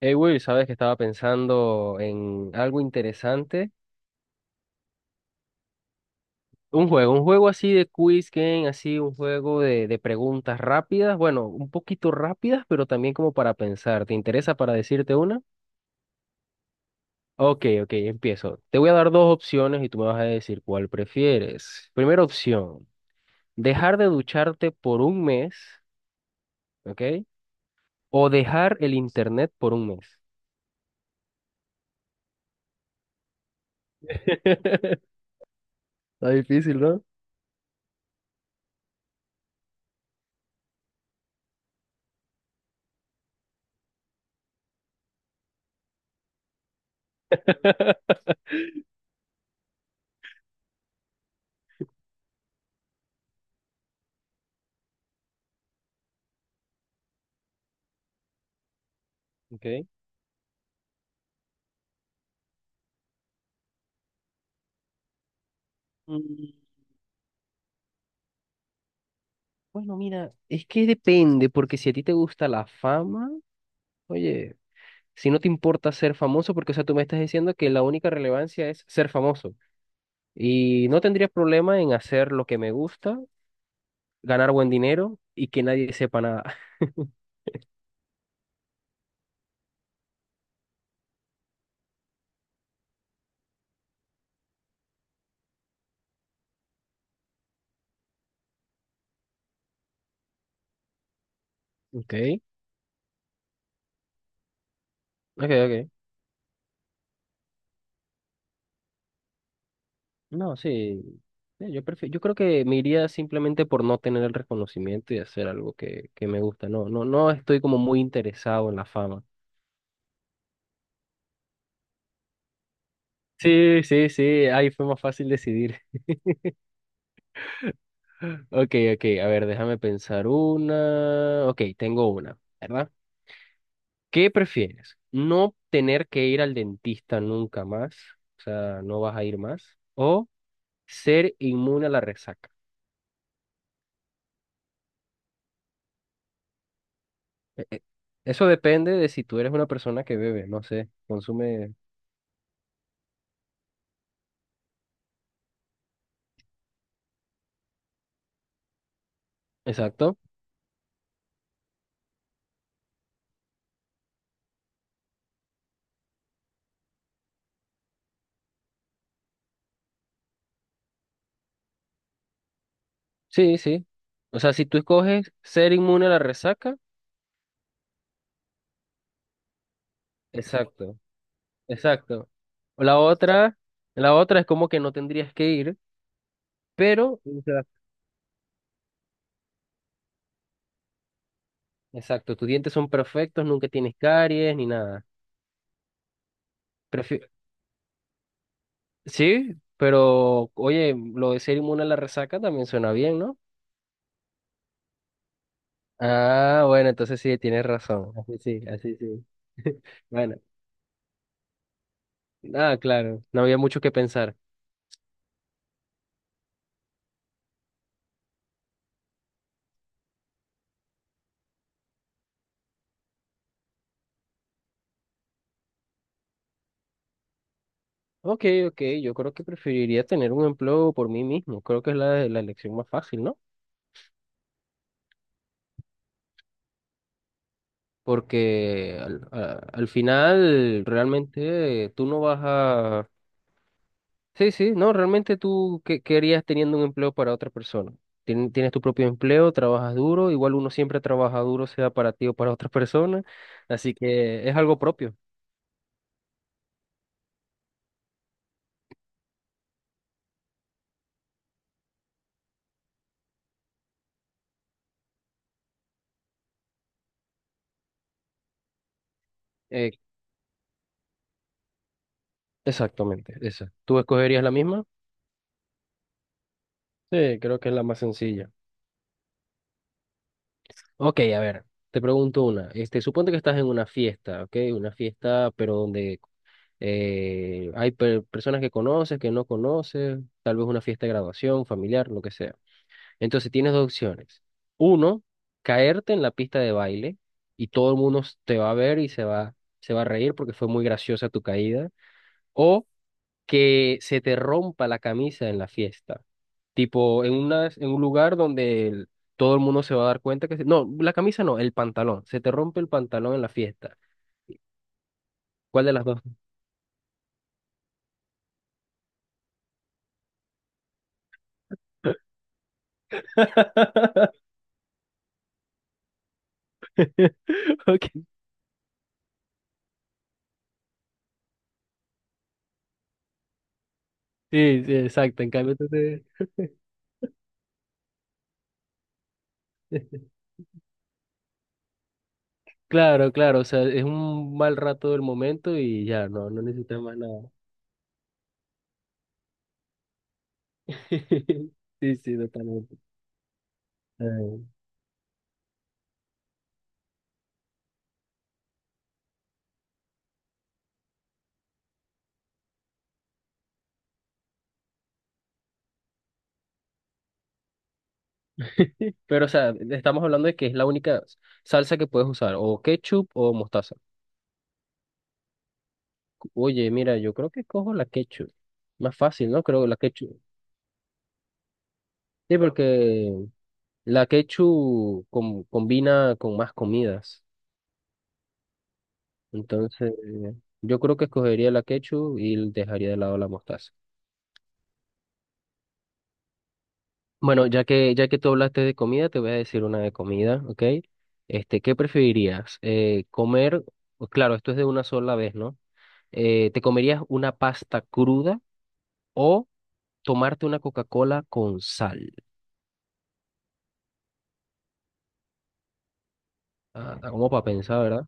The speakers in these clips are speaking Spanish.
Hey Will, sabes que estaba pensando en algo interesante. Un juego así de quiz game, así un juego de preguntas rápidas. Bueno, un poquito rápidas, pero también como para pensar. ¿Te interesa para decirte una? Ok, ok, empiezo. Te voy a dar dos opciones y tú me vas a decir cuál prefieres. Primera opción, dejar de ducharte por un mes, ¿ok? O dejar el internet por un mes. Está difícil, ¿no? Ok. Mm. Bueno, mira, es que depende, porque si a ti te gusta la fama, oye, si no te importa ser famoso, porque, o sea, tú me estás diciendo que la única relevancia es ser famoso. Y no tendría problema en hacer lo que me gusta, ganar buen dinero y que nadie sepa nada. Ok, ok, ok. No, sí. Sí, yo creo que me iría simplemente por no tener el reconocimiento y hacer algo que me gusta. No, no, no estoy como muy interesado en la fama. Sí, sí, sí, ahí fue más fácil decidir. Ok, ok, a ver, déjame pensar una. Ok, tengo una, ¿verdad? ¿Qué prefieres? ¿No tener que ir al dentista nunca más? O sea, no vas a ir más. ¿O ser inmune a la resaca? Eh, eh, Eso depende de si tú eres una persona que bebe, no sé, consume. Exacto. Sí, sí. O sea, si tú escoges ser inmune a la resaca, exacto, exacto. O la otra, la otra es como que no tendrías que ir, pero exacto, tus dientes son perfectos, nunca tienes caries ni nada. Prefi- sí, pero oye, lo de ser inmune a la resaca también suena bien, ¿no? Ah, bueno, entonces sí, tienes razón. Así sí, así sí. Bueno, ah, claro, no había mucho que pensar. Ok, ok, yo creo que preferiría tener un empleo por mí mismo. Creo que es la elección más fácil, ¿no? Porque al, al final realmente tú no vas a... Sí, sí, no, realmente tú, ¿qué, qué harías teniendo un empleo para otra persona? Tienes tu propio empleo, trabajas duro, igual uno siempre trabaja duro, sea para ti o para otra persona, así que es algo propio. Eh, exactamente, esa. ¿Tú escogerías la misma? Sí, creo que es la más sencilla. Ok, a ver, te pregunto una. Este, suponte que estás en una fiesta, ¿ok? Una fiesta, pero donde hay personas que conoces, que no conoces, tal vez una fiesta de graduación, familiar, lo que sea. Entonces tienes dos opciones. Uno, caerte en la pista de baile y todo el mundo te va a ver y se va a reír porque fue muy graciosa tu caída. O que se te rompa la camisa en la fiesta. Tipo, en una, en un lugar donde todo el mundo se va a dar cuenta que... no, la camisa no, el pantalón. Se te rompe el pantalón en la fiesta. ¿Cuál de las dos? Ok, sí, sí, exacto. En cambio, tú te... Claro, claro, o sea, es un mal rato del momento y ya, no, no necesitas más nada. Sí, sí, totalmente. Eh, pero, o sea, estamos hablando de que es la única salsa que puedes usar, o ketchup o mostaza. Oye, mira, yo creo que cojo la ketchup. Más fácil, ¿no? Creo la ketchup. Sí, porque la ketchup combina con más comidas. Entonces, yo creo que escogería la ketchup y dejaría de lado la mostaza. Bueno, ya que tú hablaste de comida, te voy a decir una de comida, ¿ok? Este, ¿qué preferirías? Comer, pues claro, esto es de una sola vez, ¿no? ¿Te comerías una pasta cruda o tomarte una Coca-Cola con sal? Ah, está como para pensar, ¿verdad?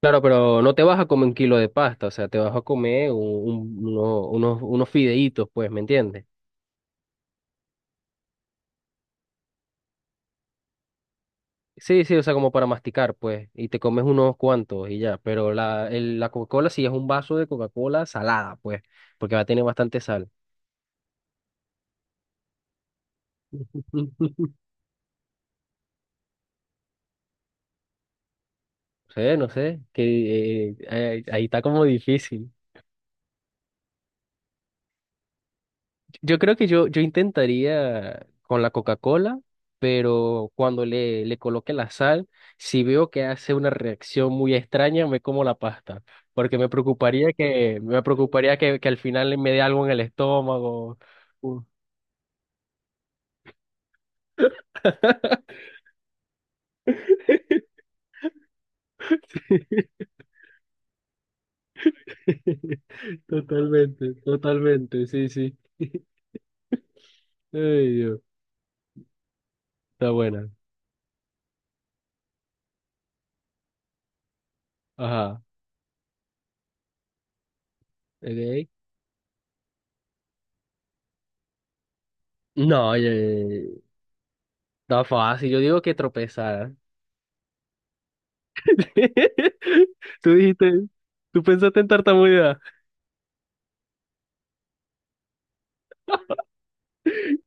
Claro, pero no te vas a comer un kilo de pasta, o sea, te vas a comer unos fideitos, pues, ¿me entiendes? Sí, sí, o sea, como para masticar, pues, y te comes unos cuantos y ya, pero la, la Coca-Cola sí es un vaso de Coca-Cola salada, pues, porque va a tener bastante sal. No sé, no sé, que ahí está como difícil. Yo creo que yo intentaría con la Coca-Cola, pero cuando le coloque la sal, si veo que hace una reacción muy extraña, me como la pasta, porque me preocuparía que al final me dé algo en el estómago. Uh. Totalmente, totalmente, sí, sí. Ay, Dios, está buena. Ajá. Ok. No, ya, ya, está fácil. Yo digo que tropezar. Tú dijiste, tú pensaste en tartamudea.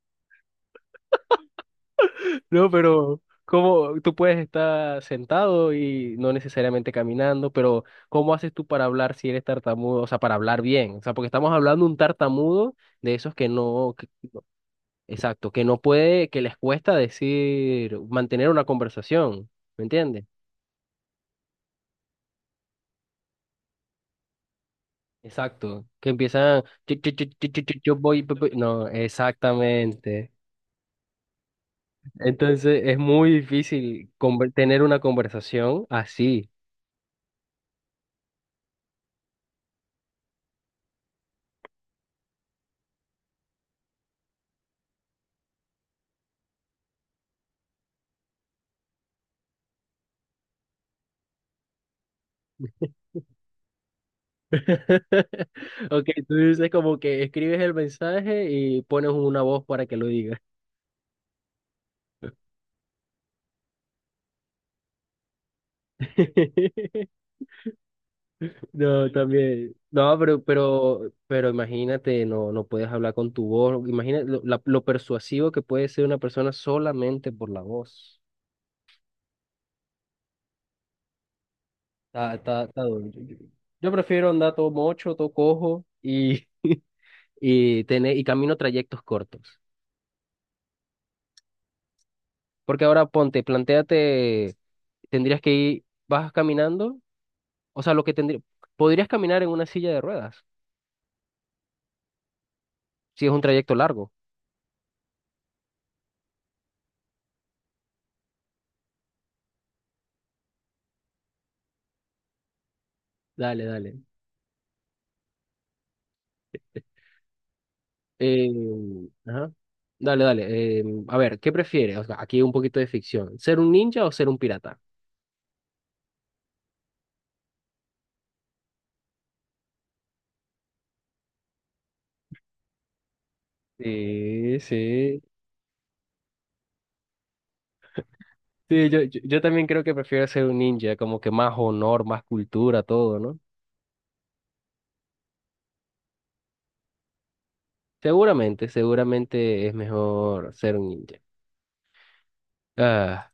No, pero ¿cómo tú puedes estar sentado y no necesariamente caminando? Pero ¿cómo haces tú para hablar si eres tartamudo? O sea, para hablar bien. O sea, porque estamos hablando de un tartamudo de esos que no... Exacto, que no puede, que les cuesta decir, mantener una conversación, ¿me entiendes? Exacto, que empiezan, "Chi, chi, chi, chi, chi, chi, yo voy, pe, pe". No, exactamente. Entonces es muy difícil tener una conversación así. Ok, tú dices como que escribes el mensaje y pones una voz para que lo diga. No, también. No, pero imagínate, no, no puedes hablar con tu voz. Imagínate lo, lo persuasivo que puede ser una persona solamente por la voz. Está, está, está duro. Yo prefiero andar todo mocho, todo cojo y, y tener, y camino trayectos cortos. Porque ahora ponte, plantéate, tendrías que ir, vas caminando, o sea, lo que tendría, podrías caminar en una silla de ruedas, si es un trayecto largo. Dale, dale. Eh, ajá. Dale, dale. Eh, a ver, ¿qué prefieres? O sea, aquí un poquito de ficción. ¿Ser un ninja o ser un pirata? Sí, sí. Sí, yo también creo que prefiero ser un ninja, como que más honor, más cultura, todo, ¿no? Seguramente, seguramente es mejor ser un ninja. Ah,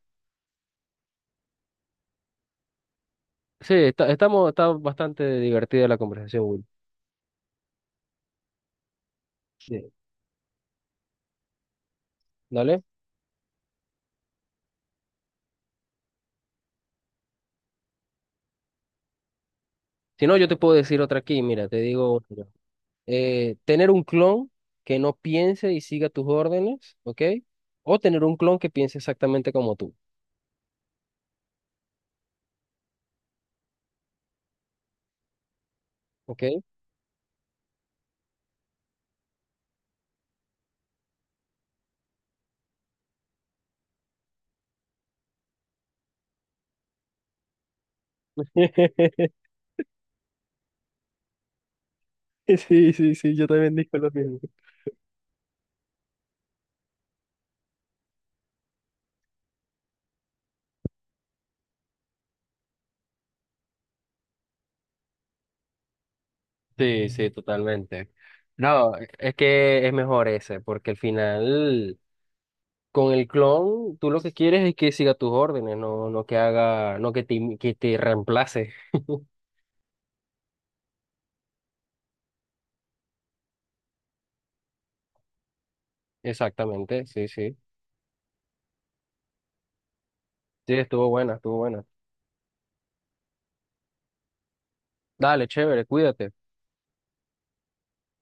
sí, está, estamos, está bastante divertida la conversación, Will. Sí. Dale. Si no, yo te puedo decir otra aquí, mira, te digo. Eh, tener un clon que no piense y siga tus órdenes, ¿ok? O tener un clon que piense exactamente como tú, ¿ok? Sí, sí, sí, yo también digo lo mismo. Sí, sí, totalmente. No, es que es mejor ese, porque al final con el clon tú lo que quieres es que siga tus órdenes, no, no que haga, no im- que te reemplace. Exactamente, sí, sí. Sí, estuvo buena, estuvo buena. Dale, chévere, cuídate.